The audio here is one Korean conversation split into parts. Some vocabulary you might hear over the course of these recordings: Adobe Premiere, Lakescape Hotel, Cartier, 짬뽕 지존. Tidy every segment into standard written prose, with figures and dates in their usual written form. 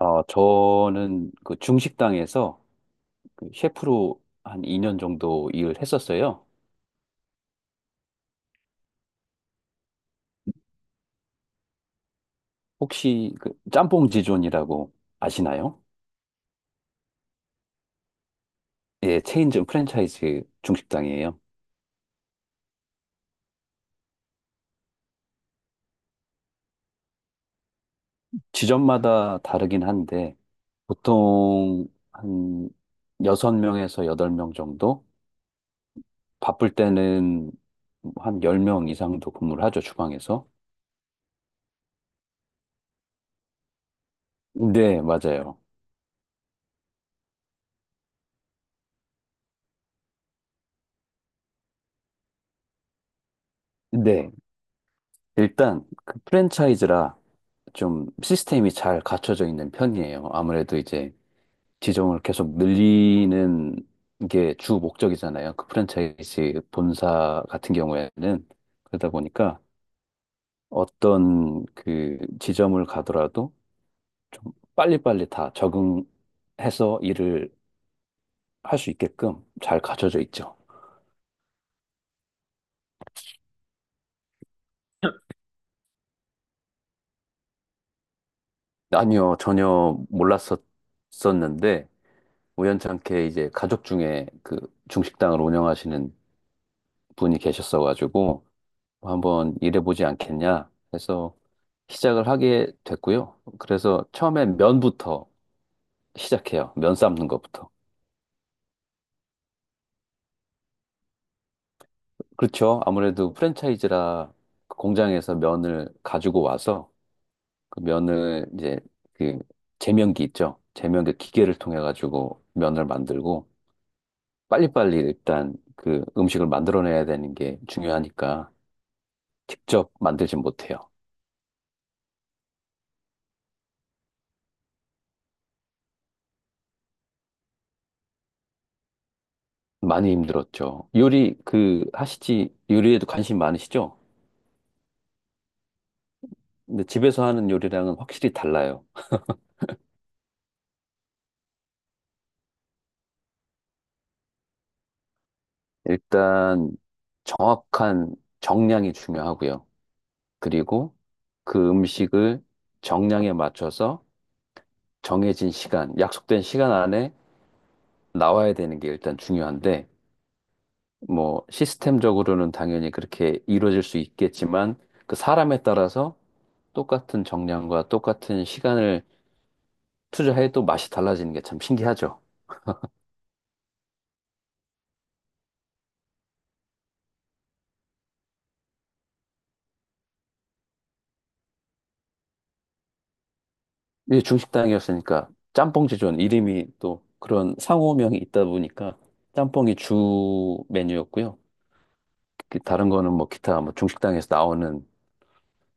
아, 저는 그 중식당에서 그 셰프로 한 2년 정도 일을 했었어요. 혹시 그 짬뽕 지존이라고 아시나요? 예, 체인점 프랜차이즈 중식당이에요. 지점마다 다르긴 한데 보통 한 6명에서 8명 정도? 바쁠 때는 한 10명 이상도 근무를 하죠, 주방에서. 네, 맞아요. 네. 일단 그 프랜차이즈라 좀 시스템이 잘 갖춰져 있는 편이에요. 아무래도 이제 지점을 계속 늘리는 게 주 목적이잖아요, 그 프랜차이즈 본사 같은 경우에는. 그러다 보니까 어떤 그 지점을 가더라도 좀 빨리빨리 다 적응해서 일을 할 수 있게끔 잘 갖춰져 있죠. 아니요, 전혀 몰랐었었는데 우연찮게 이제 가족 중에 그 중식당을 운영하시는 분이 계셨어가지고 한번 일해보지 않겠냐 해서 시작을 하게 됐고요. 그래서 처음엔 면부터 시작해요. 면 삶는 것부터. 그렇죠. 아무래도 프랜차이즈라 그 공장에서 면을 가지고 와서 그 면을 이제 그 제면기 있죠. 제면기 기계를 통해 가지고 면을 만들고 빨리빨리 일단 그 음식을 만들어내야 되는 게 중요하니까 직접 만들진 못해요. 많이 힘들었죠. 요리 그 하시지, 요리에도 관심 많으시죠? 근데 집에서 하는 요리랑은 확실히 달라요. 일단 정확한 정량이 중요하고요. 그리고 그 음식을 정량에 맞춰서 정해진 시간, 약속된 시간 안에 나와야 되는 게 일단 중요한데, 뭐 시스템적으로는 당연히 그렇게 이루어질 수 있겠지만, 그 사람에 따라서 똑같은 정량과 똑같은 시간을 투자해도 맛이 달라지는 게 참 신기하죠. 이게 중식당이었으니까, 짬뽕 지존 이름이 또 그런 상호명이 있다 보니까 짬뽕이 주 메뉴였고요. 그 다른 거는 뭐 기타 뭐 중식당에서 나오는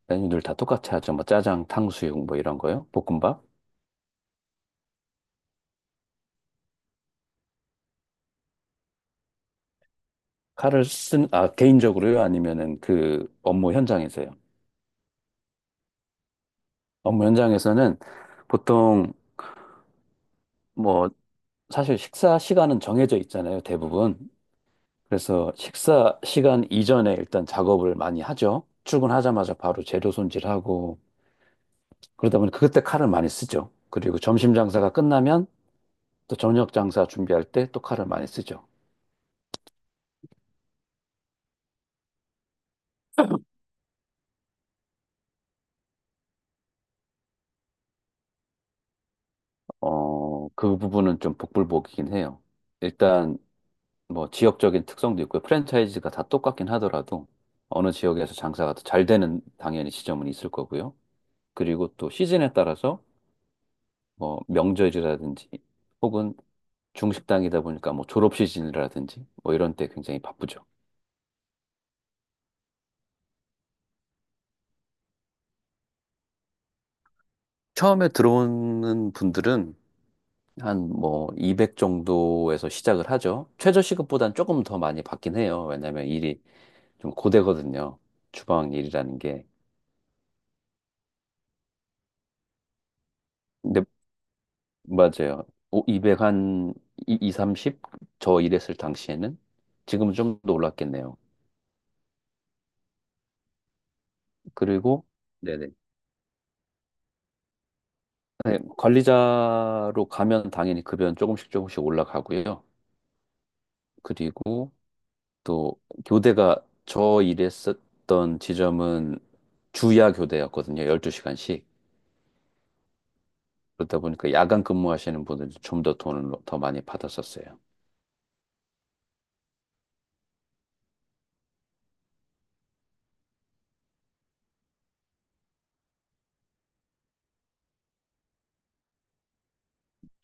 메뉴들 다 똑같이 하죠. 뭐 짜장, 탕수육 뭐 이런 거요. 볶음밥. 칼을 쓴, 아, 개인적으로요? 아니면은 그 업무 현장에서요? 업무 현장에서는 보통 뭐 사실 식사 시간은 정해져 있잖아요, 대부분. 그래서 식사 시간 이전에 일단 작업을 많이 하죠. 출근하자마자 바로 재료 손질하고, 그러다 보니 그때 칼을 많이 쓰죠. 그리고 점심 장사가 끝나면 또 저녁 장사 준비할 때 또 칼을 많이 쓰죠. 어, 그 부분은 좀 복불복이긴 해요. 일단 뭐 지역적인 특성도 있고요. 프랜차이즈가 다 똑같긴 하더라도 어느 지역에서 장사가 더 잘 되는 당연히 지점은 있을 거고요. 그리고 또 시즌에 따라서 뭐 명절이라든지 혹은 중식당이다 보니까 뭐 졸업 시즌이라든지 뭐 이런 때 굉장히 바쁘죠. 처음에 들어오는 분들은 한 뭐 200 정도에서 시작을 하죠. 최저시급보단 조금 더 많이 받긴 해요. 왜냐면 일이 좀 고되거든요, 주방 일이라는 게. 근데 맞아요. 200 한 2, 30? 저 일했을 당시에는. 지금은 좀 더 올랐겠네요. 그리고 네네. 네, 관리자로 가면 당연히 급여는 조금씩 조금씩 올라가고요. 그리고 또 교대가 저 일했었던 지점은 주야 교대였거든요. 12시간씩. 그러다 보니까 야간 근무하시는 분들이 좀 더 돈을 더 많이 받았었어요.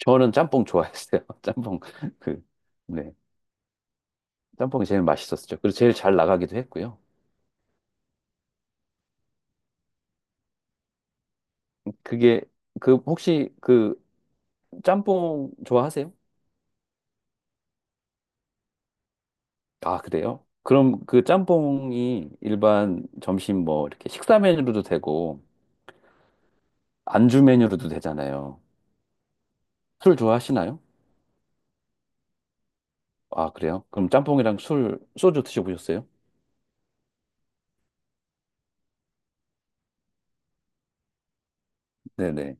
저는 짬뽕 좋아했어요. 짬뽕 그 네. 짬뽕이 제일 맛있었죠. 그리고 제일 잘 나가기도 했고요. 그게 그 혹시 그 짬뽕 좋아하세요? 아, 그래요? 그럼 그 짬뽕이 일반 점심 뭐 이렇게 식사 메뉴로도 되고 안주 메뉴로도 되잖아요. 술 좋아하시나요? 아, 그래요? 그럼 짬뽕이랑 술, 소주 드셔보셨어요? 네네.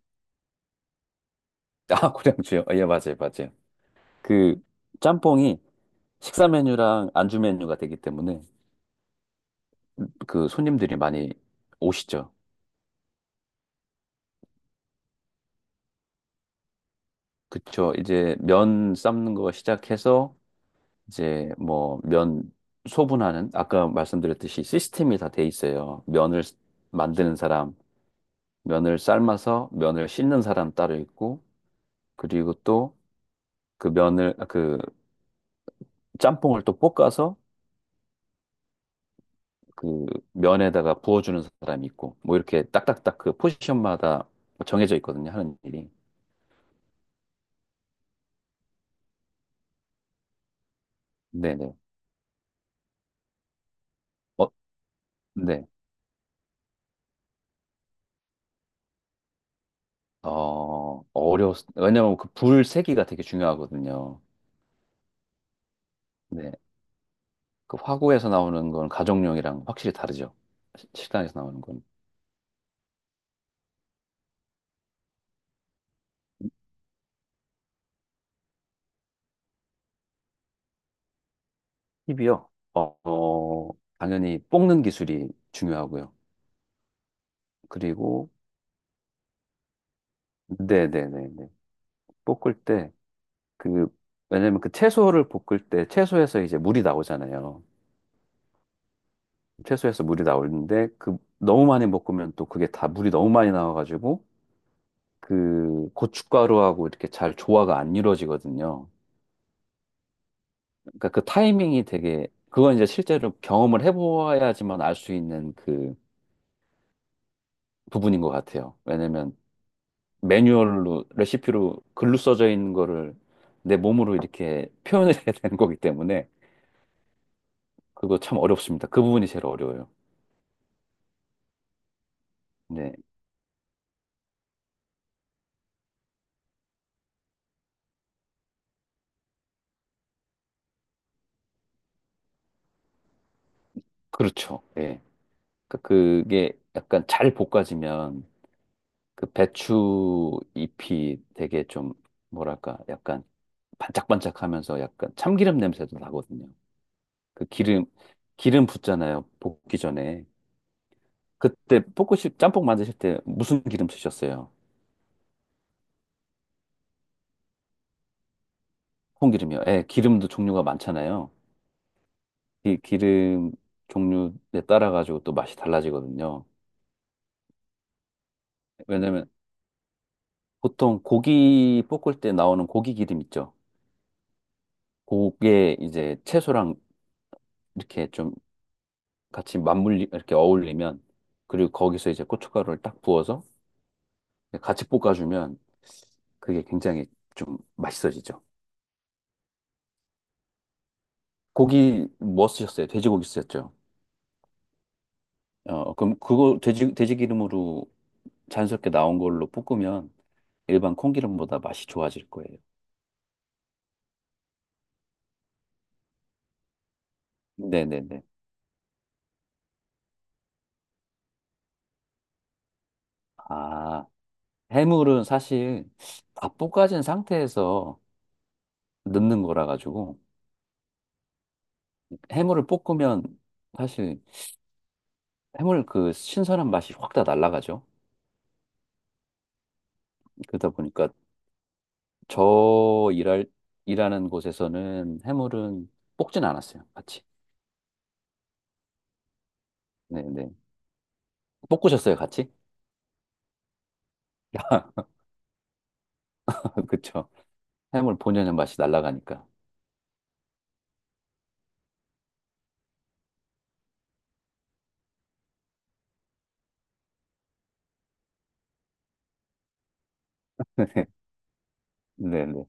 아, 고량주요? 아, 예, 맞아요, 맞아요. 그 짬뽕이 식사 메뉴랑 안주 메뉴가 되기 때문에 그 손님들이 많이 오시죠. 그쵸. 이제 면 삶는 거 시작해서 이제 뭐 면 소분하는, 아까 말씀드렸듯이 시스템이 다 돼 있어요. 면을 만드는 사람, 면을 삶아서 면을 씻는 사람 따로 있고, 그리고 또 그 면을 아, 그 짬뽕을 또 볶아서 그 면에다가 부어주는 사람이 있고, 뭐 이렇게 딱딱딱 그 포지션마다 정해져 있거든요, 하는 일이. 네네. 어, 네. 어, 어려웠, 왜냐면 그 불 세기가 되게 중요하거든요. 네. 그 화구에서 나오는 건 가정용이랑 확실히 다르죠. 식당에서 나오는 건. 팁이요. 어, 어, 당연히 볶는 기술이 중요하고요. 그리고, 네네네네. 볶을 때, 그, 왜냐면 그 채소를 볶을 때 채소에서 이제 물이 나오잖아요. 채소에서 물이 나오는데 그 너무 많이 볶으면 또 그게 다 물이 너무 많이 나와가지고 그 고춧가루하고 이렇게 잘 조화가 안 이루어지거든요. 그러니까 그 타이밍이 되게 그건 이제 실제로 경험을 해보아야지만 알 수 있는 그 부분인 것 같아요. 왜냐면 매뉴얼로 레시피로 글로 써져 있는 거를 내 몸으로 이렇게 표현을 해야 되는 거기 때문에 그거 참 어렵습니다. 그 부분이 제일 어려워요. 네, 그렇죠. 예. 그러니까 그게 약간 잘 볶아지면 그 배추 잎이 되게 좀 뭐랄까 약간 반짝반짝하면서 약간 참기름 냄새도 나거든요. 그 기름, 기름 붓잖아요, 볶기 전에. 그때 볶으실, 짬뽕 만드실 때 무슨 기름 쓰셨어요? 콩기름이요. 예, 기름도 종류가 많잖아요. 이 기름 종류에 따라 가지고 또 맛이 달라지거든요. 왜냐면 보통 고기 볶을 때 나오는 고기 기름 있죠. 그게 이제 채소랑 이렇게 좀 같이 맞물리, 이렇게 어울리면, 그리고 거기서 이제 고춧가루를 딱 부어서 같이 볶아주면 그게 굉장히 좀 맛있어지죠. 고기 뭐 쓰셨어요? 돼지고기 쓰셨죠? 어, 그럼 그거 돼지, 돼지 기름으로 자연스럽게 나온 걸로 볶으면 일반 콩기름보다 맛이 좋아질 거예요. 네네네. 아, 해물은 사실 다 볶아진 상태에서 넣는 거라 가지고, 해물을 볶으면 사실 해물 그 신선한 맛이 확 다 날아가죠. 그러다 보니까 저 일할, 일하는 곳에서는 해물은 볶진 않았어요, 같이. 네네. 볶으셨어요, 같이? 그쵸. 해물 본연의 맛이 날아가니까. 네네.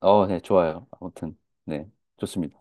어, 네, 좋아요. 아무튼, 네, 좋습니다.